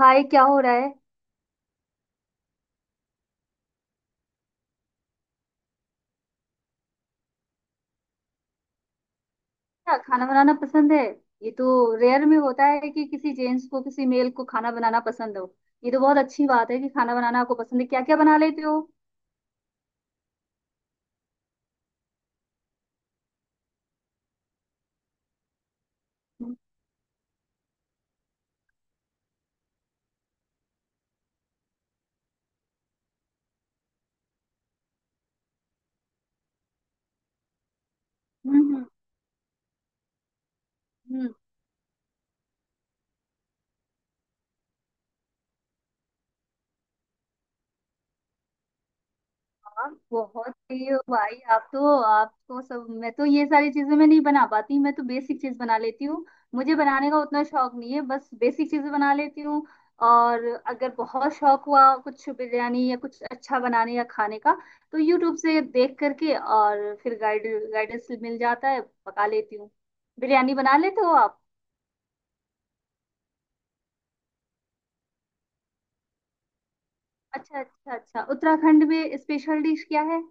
हाय, क्या हो रहा है। क्या खाना बनाना पसंद है। ये तो रेयर में होता है कि किसी जेंट्स को, किसी मेल को खाना बनाना पसंद हो। ये तो बहुत अच्छी बात है कि खाना बनाना आपको पसंद है। क्या क्या बना लेते हो। हम्म। हम्म। आप बहुत सही हो भाई। आप तो आपको सब, मैं तो ये सारी चीजें मैं नहीं बना पाती, मैं तो बेसिक चीज बना लेती हूँ। मुझे बनाने का उतना शौक नहीं है, बस बेसिक चीजें बना लेती हूँ। और अगर बहुत शौक हुआ कुछ बिरयानी या कुछ अच्छा बनाने या खाने का, तो यूट्यूब से देख करके और फिर गाइडेंस मिल जाता है, पका लेती हूँ। बिरयानी बना लेते हो आप। अच्छा अच्छा अच्छा, उत्तराखंड में स्पेशल डिश क्या है।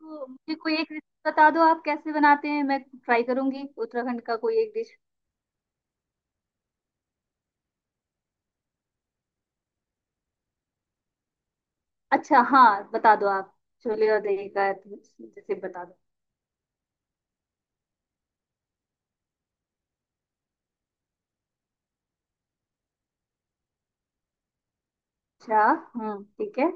तो मुझे कोई एक रेसिपी बता दो, आप कैसे बनाते हैं, मैं ट्राई करूंगी, उत्तराखंड का कोई एक डिश। अच्छा हाँ, बता दो आप। छोले और दही का जैसे बता दो। अच्छा। हम्म, ठीक है।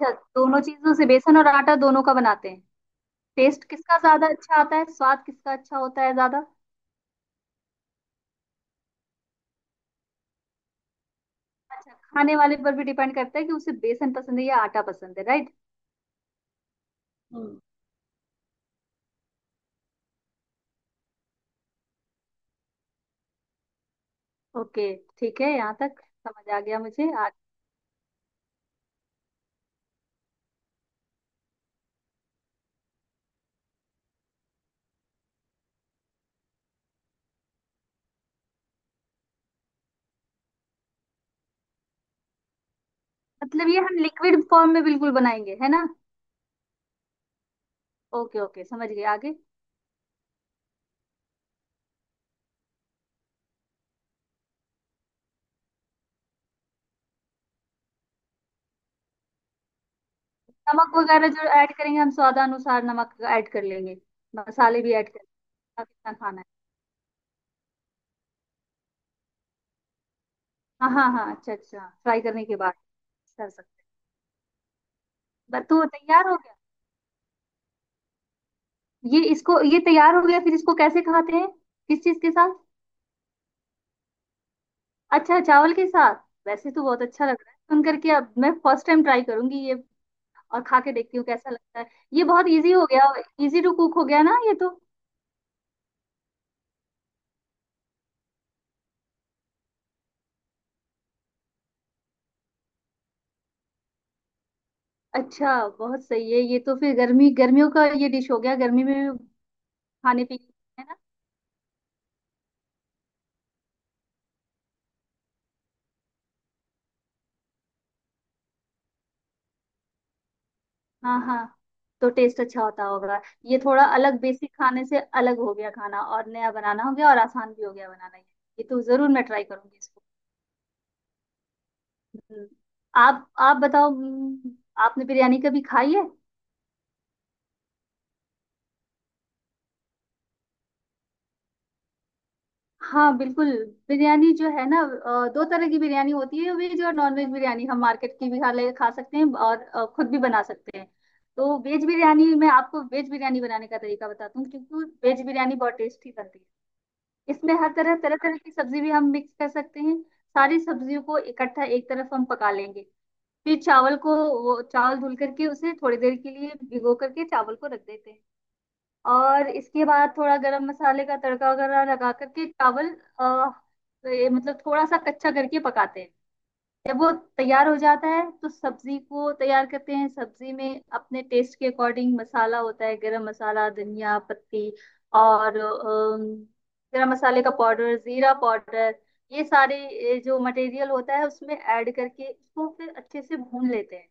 अच्छा, दोनों चीजों से बेसन और आटा दोनों का बनाते हैं। टेस्ट किसका ज्यादा अच्छा आता है, स्वाद किसका अच्छा होता है ज्यादा। अच्छा, खाने वाले पर भी डिपेंड करता है कि उसे बेसन पसंद है या आटा पसंद है, राइट। हम्म। ओके, ठीक है, यहाँ तक समझ आ गया मुझे। मतलब ये हम लिक्विड फॉर्म में बिल्कुल बनाएंगे है ना। ओके ओके, समझ गए, आगे। नमक वगैरह जो ऐड करेंगे हम, स्वादानुसार नमक ऐड कर लेंगे। मसाले भी ऐड कर लेंगे, कितना खाना है। हाँ हाँ हाँ, अच्छा अच्छा, फ्राई करने के बाद कर सकते हैं। बस तो तैयार हो गया। ये इसको, ये तैयार हो गया, फिर इसको कैसे खाते हैं, किस चीज के साथ। अच्छा, चावल के साथ। वैसे तो बहुत अच्छा लग रहा है सुन करके। अब मैं फर्स्ट टाइम ट्राई करूंगी ये, और खा के देखती हूँ कैसा लगता है। ये बहुत इजी हो गया, इजी टू कुक हो गया ना ये तो। अच्छा, बहुत सही है। ये तो फिर गर्मी गर्मियों का ये डिश हो गया, गर्मी में भी खाने पीने, है ना। हाँ हाँ, तो टेस्ट अच्छा होता होगा। ये थोड़ा अलग, बेसिक खाने से अलग हो गया खाना, और नया बनाना हो गया, और आसान भी हो गया बनाना ये। ये तो जरूर मैं ट्राई करूंगी इसको। हम्म। आप बताओ। हम्म। आपने बिरयानी कभी खाई है। हाँ बिल्कुल। बिरयानी जो है ना, दो तरह की बिरयानी होती है, वेज और नॉन वेज। बिरयानी हम मार्केट की भी खा सकते हैं और खुद भी बना सकते हैं। तो वेज बिरयानी, मैं आपको वेज बिरयानी बनाने का तरीका बताती हूँ, क्योंकि वेज बिरयानी बहुत टेस्टी बनती है। इसमें हर तरह तरह तरह की सब्जी भी हम मिक्स कर सकते हैं। सारी सब्जियों को इकट्ठा एक तरफ हम पका लेंगे। फिर चावल को, वो चावल धुल करके, उसे थोड़ी देर के लिए भिगो करके चावल को रख देते हैं। और इसके बाद थोड़ा गरम मसाले का तड़का वगैरह लगा करके चावल अ, ये मतलब थोड़ा सा कच्चा करके पकाते हैं। जब वो तैयार हो जाता है, तो सब्जी को तैयार करते हैं। सब्जी में अपने टेस्ट के अकॉर्डिंग मसाला होता है, गरम मसाला, धनिया पत्ती और गरम मसाले का पाउडर, जीरा पाउडर, ये सारे जो मटेरियल होता है उसमें ऐड करके इसको फिर अच्छे से भून लेते हैं।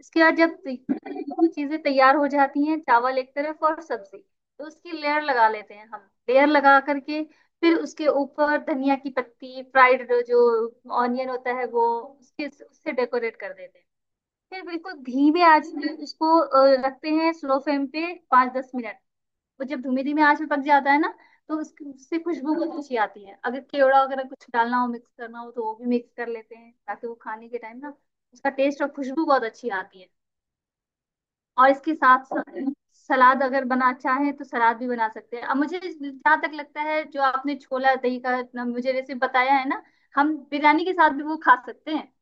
इसके बाद जब दोनों चीजें तैयार हो जाती हैं, चावल एक तरफ और सब्जी, तो उसकी लेयर लगा लेते हैं हम, लेयर लगा करके फिर उसके ऊपर धनिया की पत्ती, फ्राइड जो ऑनियन होता है वो, उसके उससे डेकोरेट कर देते हैं। फिर बिल्कुल धीमे आंच पे उसको रखते हैं, स्लो फ्लेम पे 5 10 मिनट। वो जब धीमे धीमे आंच में पक जाता है ना, तो उसकी उससे खुशबू बहुत अच्छी आती है। अगर केवड़ा वगैरह कुछ डालना हो, मिक्स करना हो, तो वो भी मिक्स कर लेते हैं ताकि वो खाने के टाइम ना उसका टेस्ट और खुशबू बहुत अच्छी आती है। और इसके साथ सलाद अगर बना चाहे तो सलाद भी बना सकते हैं। अब मुझे जहाँ तक लगता है, जो आपने छोला दही का मुझे रेसिपी बताया है ना, हम बिरयानी के साथ भी वो खा सकते हैं।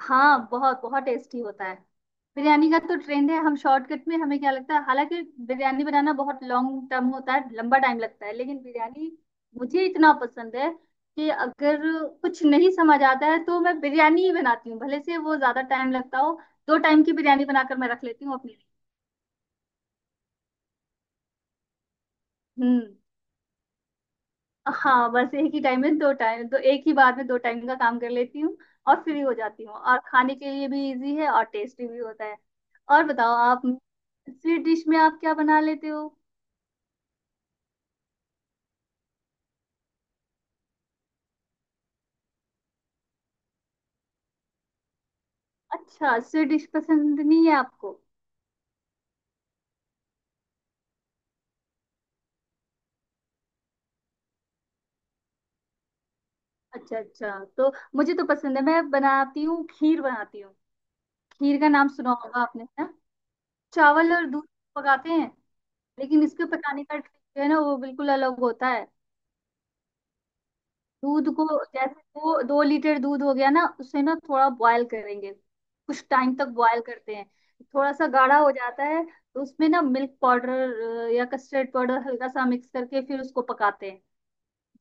हाँ बहुत बहुत टेस्टी होता है। बिरयानी का तो ट्रेंड है, हम शॉर्टकट में, हमें क्या लगता है, हालांकि बिरयानी बनाना बहुत लॉन्ग टर्म होता है, लंबा टाइम लगता है। लेकिन बिरयानी मुझे इतना पसंद है कि अगर कुछ नहीं समझ आता है तो मैं बिरयानी ही बनाती हूँ, भले से वो ज्यादा टाइम लगता हो। दो टाइम की बिरयानी बनाकर मैं रख लेती हूँ अपने। हम्म। हाँ बस, एक ही टाइम में दो टाइम, तो एक ही बार में दो टाइम का काम कर लेती हूँ और फ्री हो जाती हूँ। और खाने के लिए भी इजी है और टेस्टी भी होता है। और बताओ आप, स्वीट डिश में आप क्या बना लेते हो। अच्छा, स्वीट डिश पसंद नहीं है आपको। अच्छा अच्छा। तो मुझे तो पसंद है, मैं बनाती हूँ, खीर बनाती हूँ। खीर का नाम सुना होगा आपने, है ना। चावल और दूध पकाते हैं। लेकिन इसके पकाने का ट्रिक जो है ना, वो बिल्कुल अलग होता है। दूध को, जैसे दो दो लीटर दूध हो गया ना, उसे ना थोड़ा बॉयल करेंगे, कुछ टाइम तक बॉयल करते हैं, थोड़ा सा गाढ़ा हो जाता है। तो उसमें ना मिल्क पाउडर या कस्टर्ड पाउडर हल्का सा मिक्स करके फिर उसको पकाते हैं।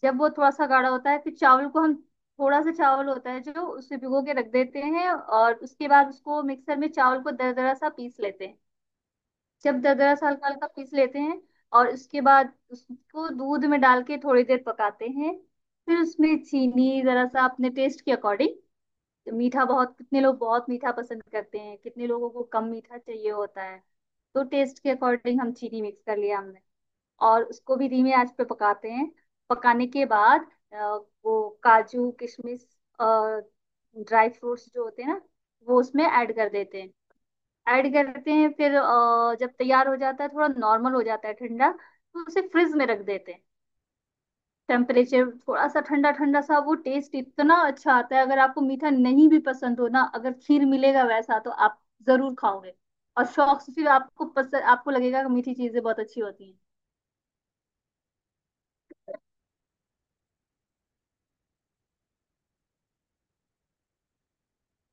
जब वो थोड़ा सा गाढ़ा होता है, फिर चावल को हम, थोड़ा सा चावल होता है जो उसे भिगो के रख देते हैं, और उसके बाद उसको मिक्सर में चावल को दरदरा सा पीस लेते हैं। जब दरदरा हल्का हल्का पीस लेते हैं, और उसके बाद उसको दूध में डाल के थोड़ी देर पकाते हैं। फिर उसमें चीनी जरा सा, अपने टेस्ट के अकॉर्डिंग, मीठा बहुत, कितने लोग बहुत मीठा पसंद करते हैं, कितने लोगों को कम मीठा चाहिए होता है। तो टेस्ट के अकॉर्डिंग हम चीनी मिक्स कर लिया हमने, और उसको भी धीमे आंच पे पकाते हैं। पकाने के बाद वो काजू किशमिश और ड्राई फ्रूट्स जो होते हैं ना, वो उसमें ऐड कर देते हैं। ऐड करते हैं, फिर जब तैयार हो जाता है, थोड़ा नॉर्मल हो जाता है ठंडा, तो उसे फ्रिज में रख देते हैं। टेम्परेचर थोड़ा सा ठंडा ठंडा सा, वो टेस्ट इतना अच्छा आता है। अगर आपको मीठा नहीं भी पसंद हो ना, अगर खीर मिलेगा वैसा, तो आप जरूर खाओगे। और शौक से फिर आपको पसंद, आपको लगेगा कि मीठी चीजें बहुत अच्छी होती हैं।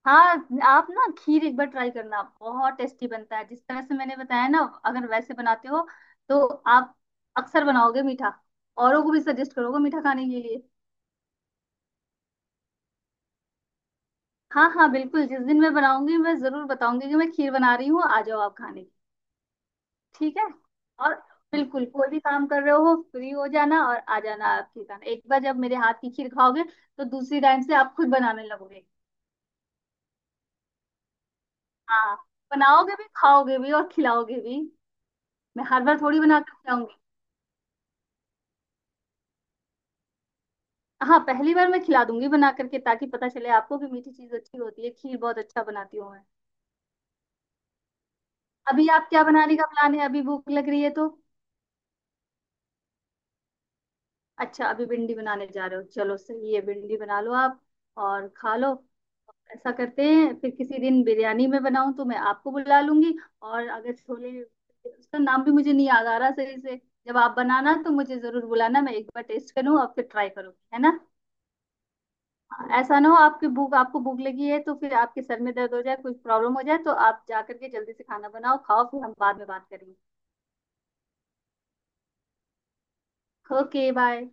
हाँ, आप ना खीर एक बार ट्राई करना, बहुत टेस्टी बनता है जिस तरह से मैंने बताया ना। अगर वैसे बनाते हो, तो आप अक्सर बनाओगे मीठा, औरों को भी सजेस्ट करोगे मीठा खाने के लिए। हाँ हाँ बिल्कुल, जिस दिन मैं बनाऊंगी मैं जरूर बताऊंगी कि मैं खीर बना रही हूँ, आ जाओ आप खाने। ठीक है। और बिल्कुल, कोई भी काम कर रहे हो फ्री हो जाना और आ जाना आप खीर खाने। एक बार जब मेरे हाथ की खीर खाओगे, तो दूसरी टाइम से आप खुद बनाने लगोगे। हाँ, बनाओगे भी, खाओगे भी और खिलाओगे भी। मैं हर बार थोड़ी बना कर खिलाऊंगी। हाँ, पहली बार मैं खिला दूंगी बना करके, ताकि पता चले आपको कि मीठी चीज अच्छी होती है। खीर बहुत अच्छा बनाती हूँ मैं। अभी आप क्या बनाने का प्लान है, अभी भूख लग रही है तो। अच्छा, अभी भिंडी बनाने जा रहे हो, चलो सही है, भिंडी बना लो आप और खा लो। ऐसा करते हैं, फिर किसी दिन बिरयानी में बनाऊं तो मैं आपको बुला लूंगी। और अगर छोले, उसका नाम भी मुझे नहीं याद आ रहा सही से, जब आप बनाना तो मुझे जरूर बुलाना, मैं एक बार टेस्ट करूँ और फिर ट्राई करूंगी, है ना। ऐसा ना हो आपकी भूख, आपको भूख लगी है तो फिर आपके सर में दर्द हो जाए, कुछ प्रॉब्लम हो जाए, तो आप जा करके जल्दी से खाना बनाओ, खाओ, फिर हम बाद में बात करेंगे। Okay, bye.